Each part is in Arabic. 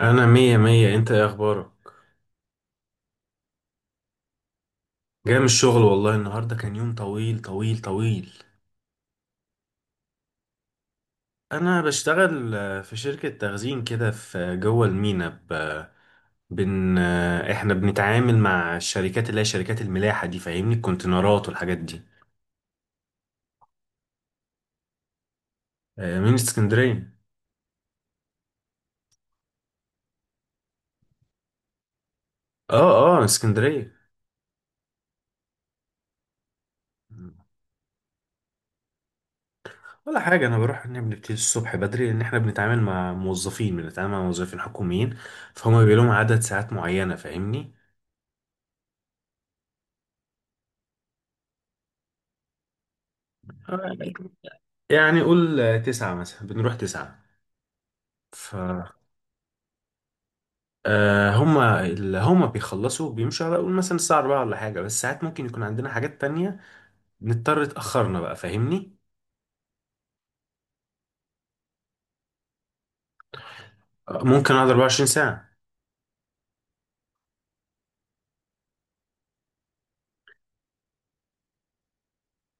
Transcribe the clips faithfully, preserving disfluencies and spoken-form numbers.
انا مية مية. انت ايه اخبارك؟ جاي من الشغل، والله النهاردة كان يوم طويل طويل طويل. انا بشتغل آه، في شركة تخزين كده في جوه المينا ب... بن... آه، احنا بنتعامل مع الشركات اللي هي شركات الملاحة دي فاهمني، الكونتينرات والحاجات دي. آه، من اسكندرية. اه، اه اسكندرية. ولا حاجة، أنا بروح إن بنبتدي الصبح بدري لأن إحنا بنتعامل مع موظفين بنتعامل مع موظفين حكوميين، فهم بيبقى لهم عدد ساعات معينة فاهمني. آه. يعني قول آه، تسعة مثلا، بنروح تسعة. ف آه، هما اللي هما بيخلصوا بيمشوا على قول مثلا الساعة أربعة ولا حاجة، بس ساعات ممكن يكون عندنا حاجات تانية نضطر اتأخرنا بقى فاهمني. آه، ممكن أقعد 24 ساعة.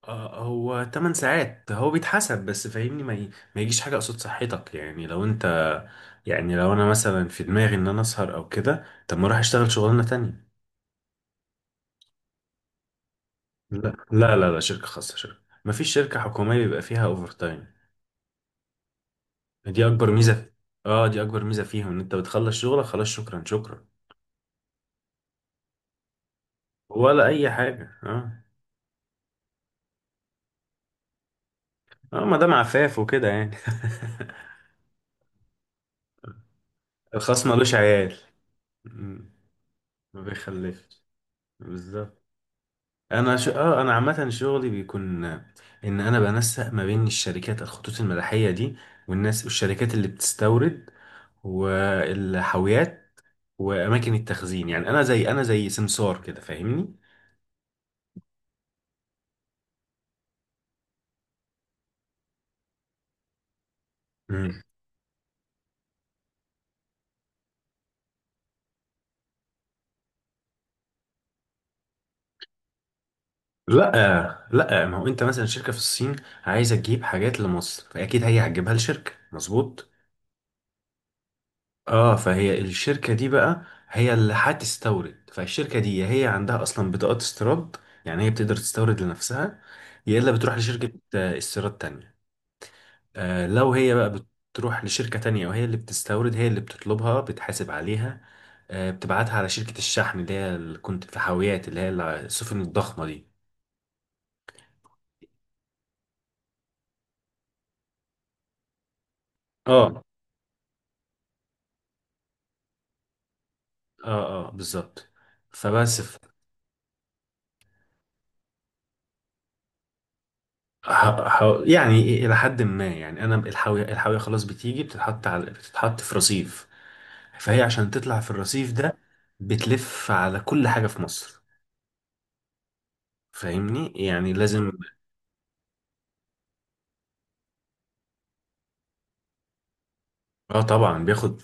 آه، هو 8 ساعات هو بيتحسب، بس فاهمني ما, ي... ما يجيش حاجة قصاد صحتك. يعني لو أنت، يعني لو أنا مثلا في دماغي إن أنا أسهر أو كده، طب ما أروح أشتغل شغلانة تانية. لا لا لا لا، شركة خاصة. شركة، مفيش شركة حكومية بيبقى فيها أوفر تايم. دي اكبر ميزه في... اه، دي اكبر ميزه فيهم ان انت بتخلص شغلك، خلاص، شكرا شكرا. ولا اي حاجه، اه. اه، ما دام عفاف وكده يعني. الخاص ملوش عيال. مم. ما بيخلفش. بالظبط. انا ش... اه انا عامه شغلي بيكون ان انا بنسق ما بين الشركات، الخطوط الملاحيه دي، والناس، والشركات اللي بتستورد، والحاويات، واماكن التخزين. يعني انا زي انا زي سمسار كده فاهمني. مم. لا لا، ما هو انت مثلا شركه في الصين عايزه تجيب حاجات لمصر، فاكيد هي هتجيبها لشركه، مظبوط. اه، فهي الشركه دي بقى، هي اللي هتستورد. فالشركه دي يا هي عندها اصلا بطاقات استيراد، يعني هي بتقدر تستورد لنفسها، يا الا بتروح لشركه آه، استيراد تانية. آه، لو هي بقى بتروح لشركه تانية وهي اللي بتستورد، هي اللي بتطلبها، بتحاسب عليها. آه، بتبعتها على شركه الشحن اللي هي اللي كنت، في حاويات اللي هي السفن الضخمه دي. اه. اه اه بالظبط. فبس ف... ح... ح... يعني إيه، الى حد ما، يعني انا الحاويه الحاويه خلاص بتيجي بتتحط على، بتتحط في رصيف، فهي عشان تطلع في الرصيف ده بتلف على كل حاجه في مصر فاهمني، يعني لازم. اه طبعا بياخد.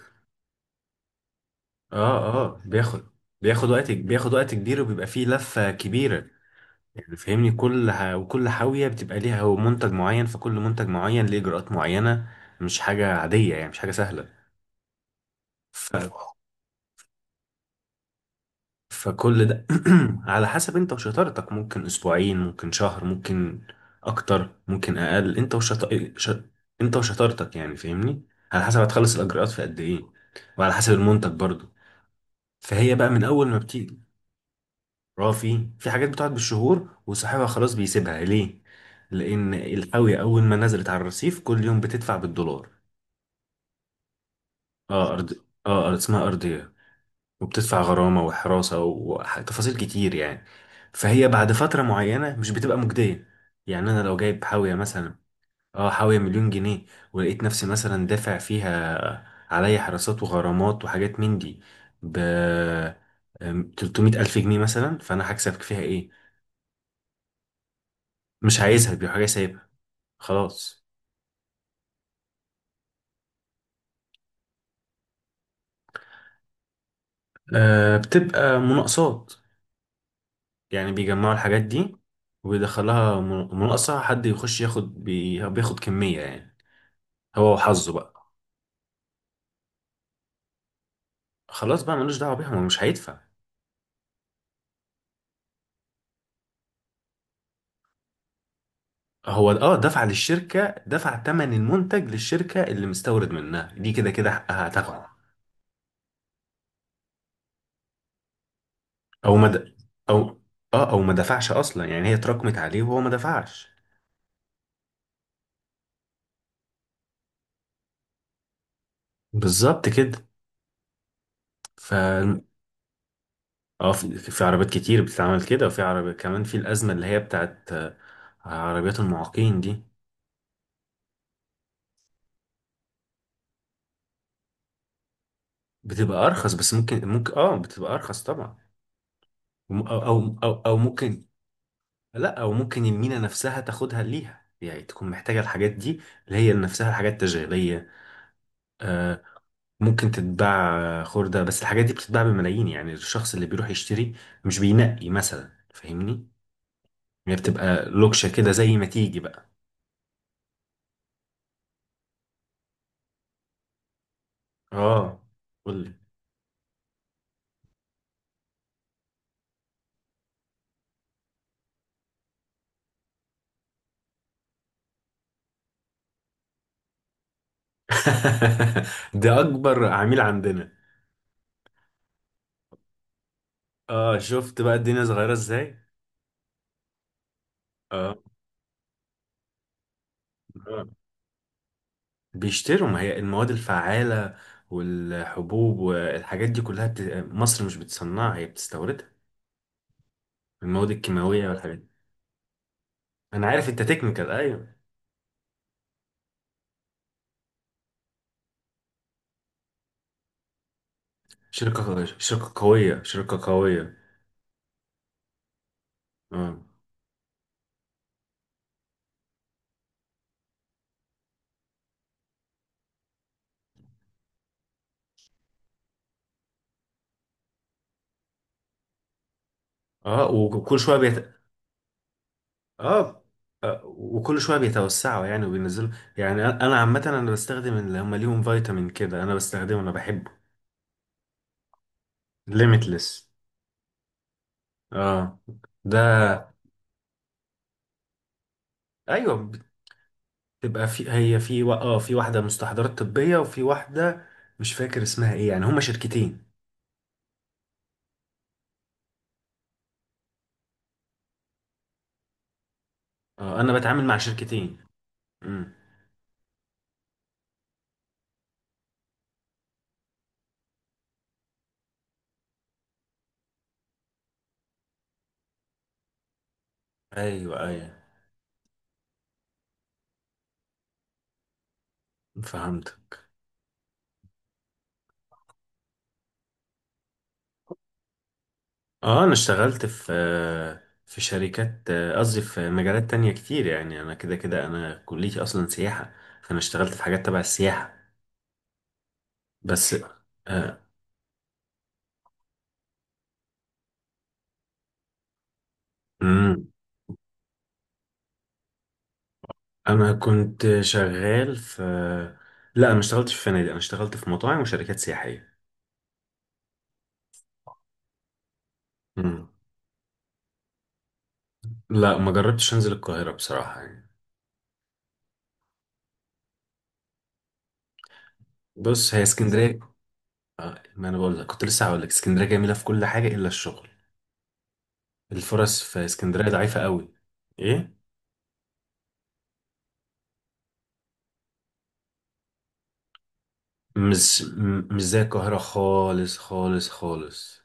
اه اه بياخد، بياخد وقت بياخد وقت كبير وبيبقى فيه لفه كبيره يعني فاهمني. كل ح... وكل حاويه بتبقى ليها هو منتج معين، فكل منتج معين ليه اجراءات معينه. مش حاجه عاديه يعني، مش حاجه سهله. فكل ده على حسب انت وشطارتك، ممكن اسبوعين، ممكن شهر، ممكن اكتر، ممكن اقل. انت وشط... ش... انت وشطارتك يعني فاهمني. على حسب هتخلص الاجراءات في قد ايه، وعلى حسب المنتج برضو. فهي بقى من اول ما بتيجي. رافي، في حاجات بتقعد بالشهور وصاحبها خلاص بيسيبها. ليه؟ لان القوية اول ما نزلت على الرصيف كل يوم بتدفع بالدولار. اه ارض اه، اسمها ارضية، وبتدفع غرامة وحراسة وتفاصيل كتير يعني، فهي بعد فترة معينة مش بتبقى مجدية. يعني أنا لو جايب حاوية مثلا، اه حاوية مليون جنيه، ولقيت نفسي مثلا دافع فيها عليا حراسات وغرامات وحاجات من دي ب 300 ألف جنيه مثلا، فأنا هكسب فيها إيه؟ مش عايزها، دي حاجة سايبها، خلاص. آه، بتبقى مناقصات. يعني بيجمعوا الحاجات دي ويدخلها من- مناقصة، حد يخش ياخد بي- بياخد كمية يعني، هو وحظه بقى. خلاص بقى ملوش دعوه بيها، هو مش هيدفع. هو، اه، دفع للشركه، دفع ثمن المنتج للشركه اللي مستورد منها دي، كده كده حقها هتاخده. او ما د- او اه، او ما دفعش اصلا، يعني هي اتراكمت عليه وهو ما دفعش. بالظبط كده. ف اه في في عربيات كتير بتتعمل كده، وفي عربية كمان في الأزمة اللي هي بتاعت آه، عربيات المعاقين دي. بتبقى أرخص، بس ممكن ممكن اه بتبقى أرخص طبعا. وم- أو أو أو, أو ممكن لا او ممكن المينا نفسها تاخدها ليها، يعني تكون محتاجة الحاجات دي اللي هي نفسها الحاجات التجارية. آه، ممكن تتباع خردة، بس الحاجات دي بتتباع بملايين. يعني الشخص اللي بيروح يشتري مش بينقي مثلا فاهمني. هي بتبقى لوكشة كده زي ما تيجي بقى. اه، قولي. ده اكبر عميل عندنا. اه، شفت بقى الدنيا صغيرة ازاي. اه. آه. بيشتروا، ما هي المواد الفعالة والحبوب والحاجات دي كلها بت... مصر مش بتصنعها، هي بتستوردها، المواد الكيماوية والحاجات دي. أنا عارف أنت تكنيكال، أيوه. شركة، شركة قوية، شركة قوية. اه. اه وكل شوية بيت... اه آه، وكل شويه بيتوسعوا يعني وبينزلوا. يعني انا أنا عامه انا بستخدم اللي هم ليهم فيتامين كده، انا بستخدمه، انا بحبه. ليميتلس، اه، ده. ايوه، تبقى في، هي في و... اه في واحدة مستحضرات طبية وفي واحدة مش فاكر اسمها ايه يعني. هما شركتين. اه، انا بتعامل مع شركتين. امم. ايوه ايوه. فهمتك. اه، انا اشتغلت في آه، في شركات، آه، قصدي في مجالات تانية كتير. يعني انا كده كده انا كليتي اصلا سياحة، فانا اشتغلت في حاجات تبع السياحة. بس. آه. امم. انا كنت شغال في لا، انا ما اشتغلتش في فنادق، انا اشتغلت في مطاعم وشركات سياحية. امم. لا، ما جربتش انزل القاهرة بصراحة يعني. بص، هي اسكندرية، ما انا بقول لك كنت لسه هقول لك، اسكندرية جميلة في كل حاجة الا الشغل. الفرص في اسكندرية ضعيفة قوي. ايه؟ مش م- مش زي القاهرة خالص خالص خالص.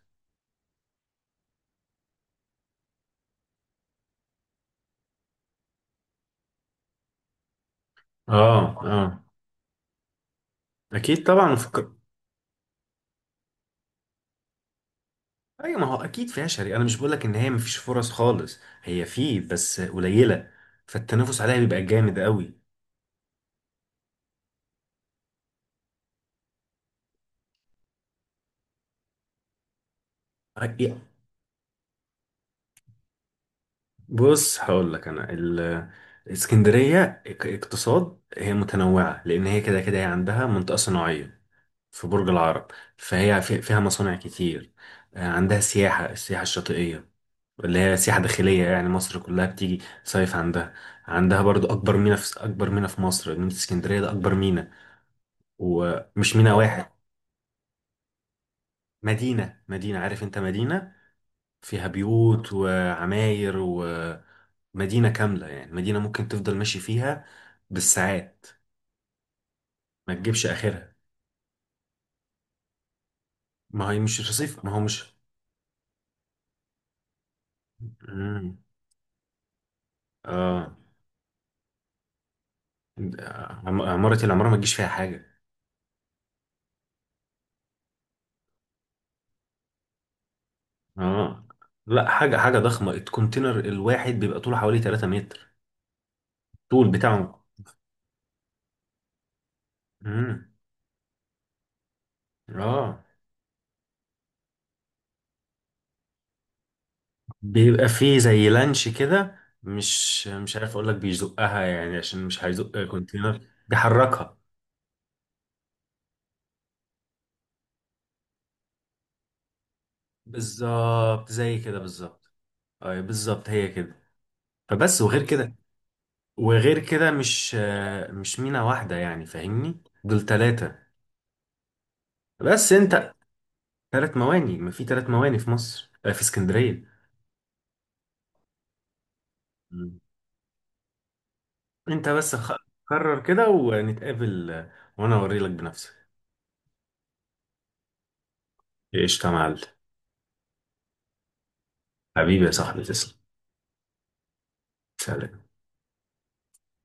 اه اه. اكيد طبعا في الك- ايوه، ما هو اكيد فيها شري، انا مش بقول لك ان هي مفيش فرص خالص، هي في بس قليلة، فالتنافس عليها بيبقى جامد قوي. بص هقول لك انا ال- اسكندريه كاقتصاد هي متنوعه، لان هي كده كده هي عندها منطقه صناعيه في برج العرب. فهي في- فيها مصانع كتير. آه، عندها سياحه، السياحه الشاطئيه اللي هي سياحه داخليه، يعني مصر كلها بتيجي صيف عندها. عندها برضو اكبر ميناء. في اكبر ميناء في مصر، ميناء اسكندريه ده اكبر ميناء، ومش ميناء واحد. مدينه، مدينه، عارف انت، مدينه فيها بيوت وعماير، ومدينة كاملة، يعني مدينة ممكن تفضل ماشي فيها بالساعات. ما تجيبش آخرها. ما هي مش رصيف، ما هو مش. مم. اه، عم- عمارة، العمارة ما تجيش فيها حاجة. اه. لا، حاجة، حاجة ضخمة، الكونتينر الواحد بيبقى طوله حوالي 3 متر طول بتاعه. مم. اه، بيبقى فيه زي لانش كده، مش مش عارف اقول لك، بيزقها يعني، عشان مش هيزق كونتينر، بيحركها. بالظبط زي كده بالظبط. اي بالظبط هي كده. فبس. وغير كده، وغير كده، مش آه، مش مينا واحدة يعني فاهمني، دول تلاتة. بس انت، تلات مواني، ما في تلات مواني في مصر آه، في اسكندرية. مم. انت بس خ- قرر كده ونتقابل آه، وانا اوريلك بنفسي. ايش يا معلم. حبيبي يا صاحبي تسلم. سلام.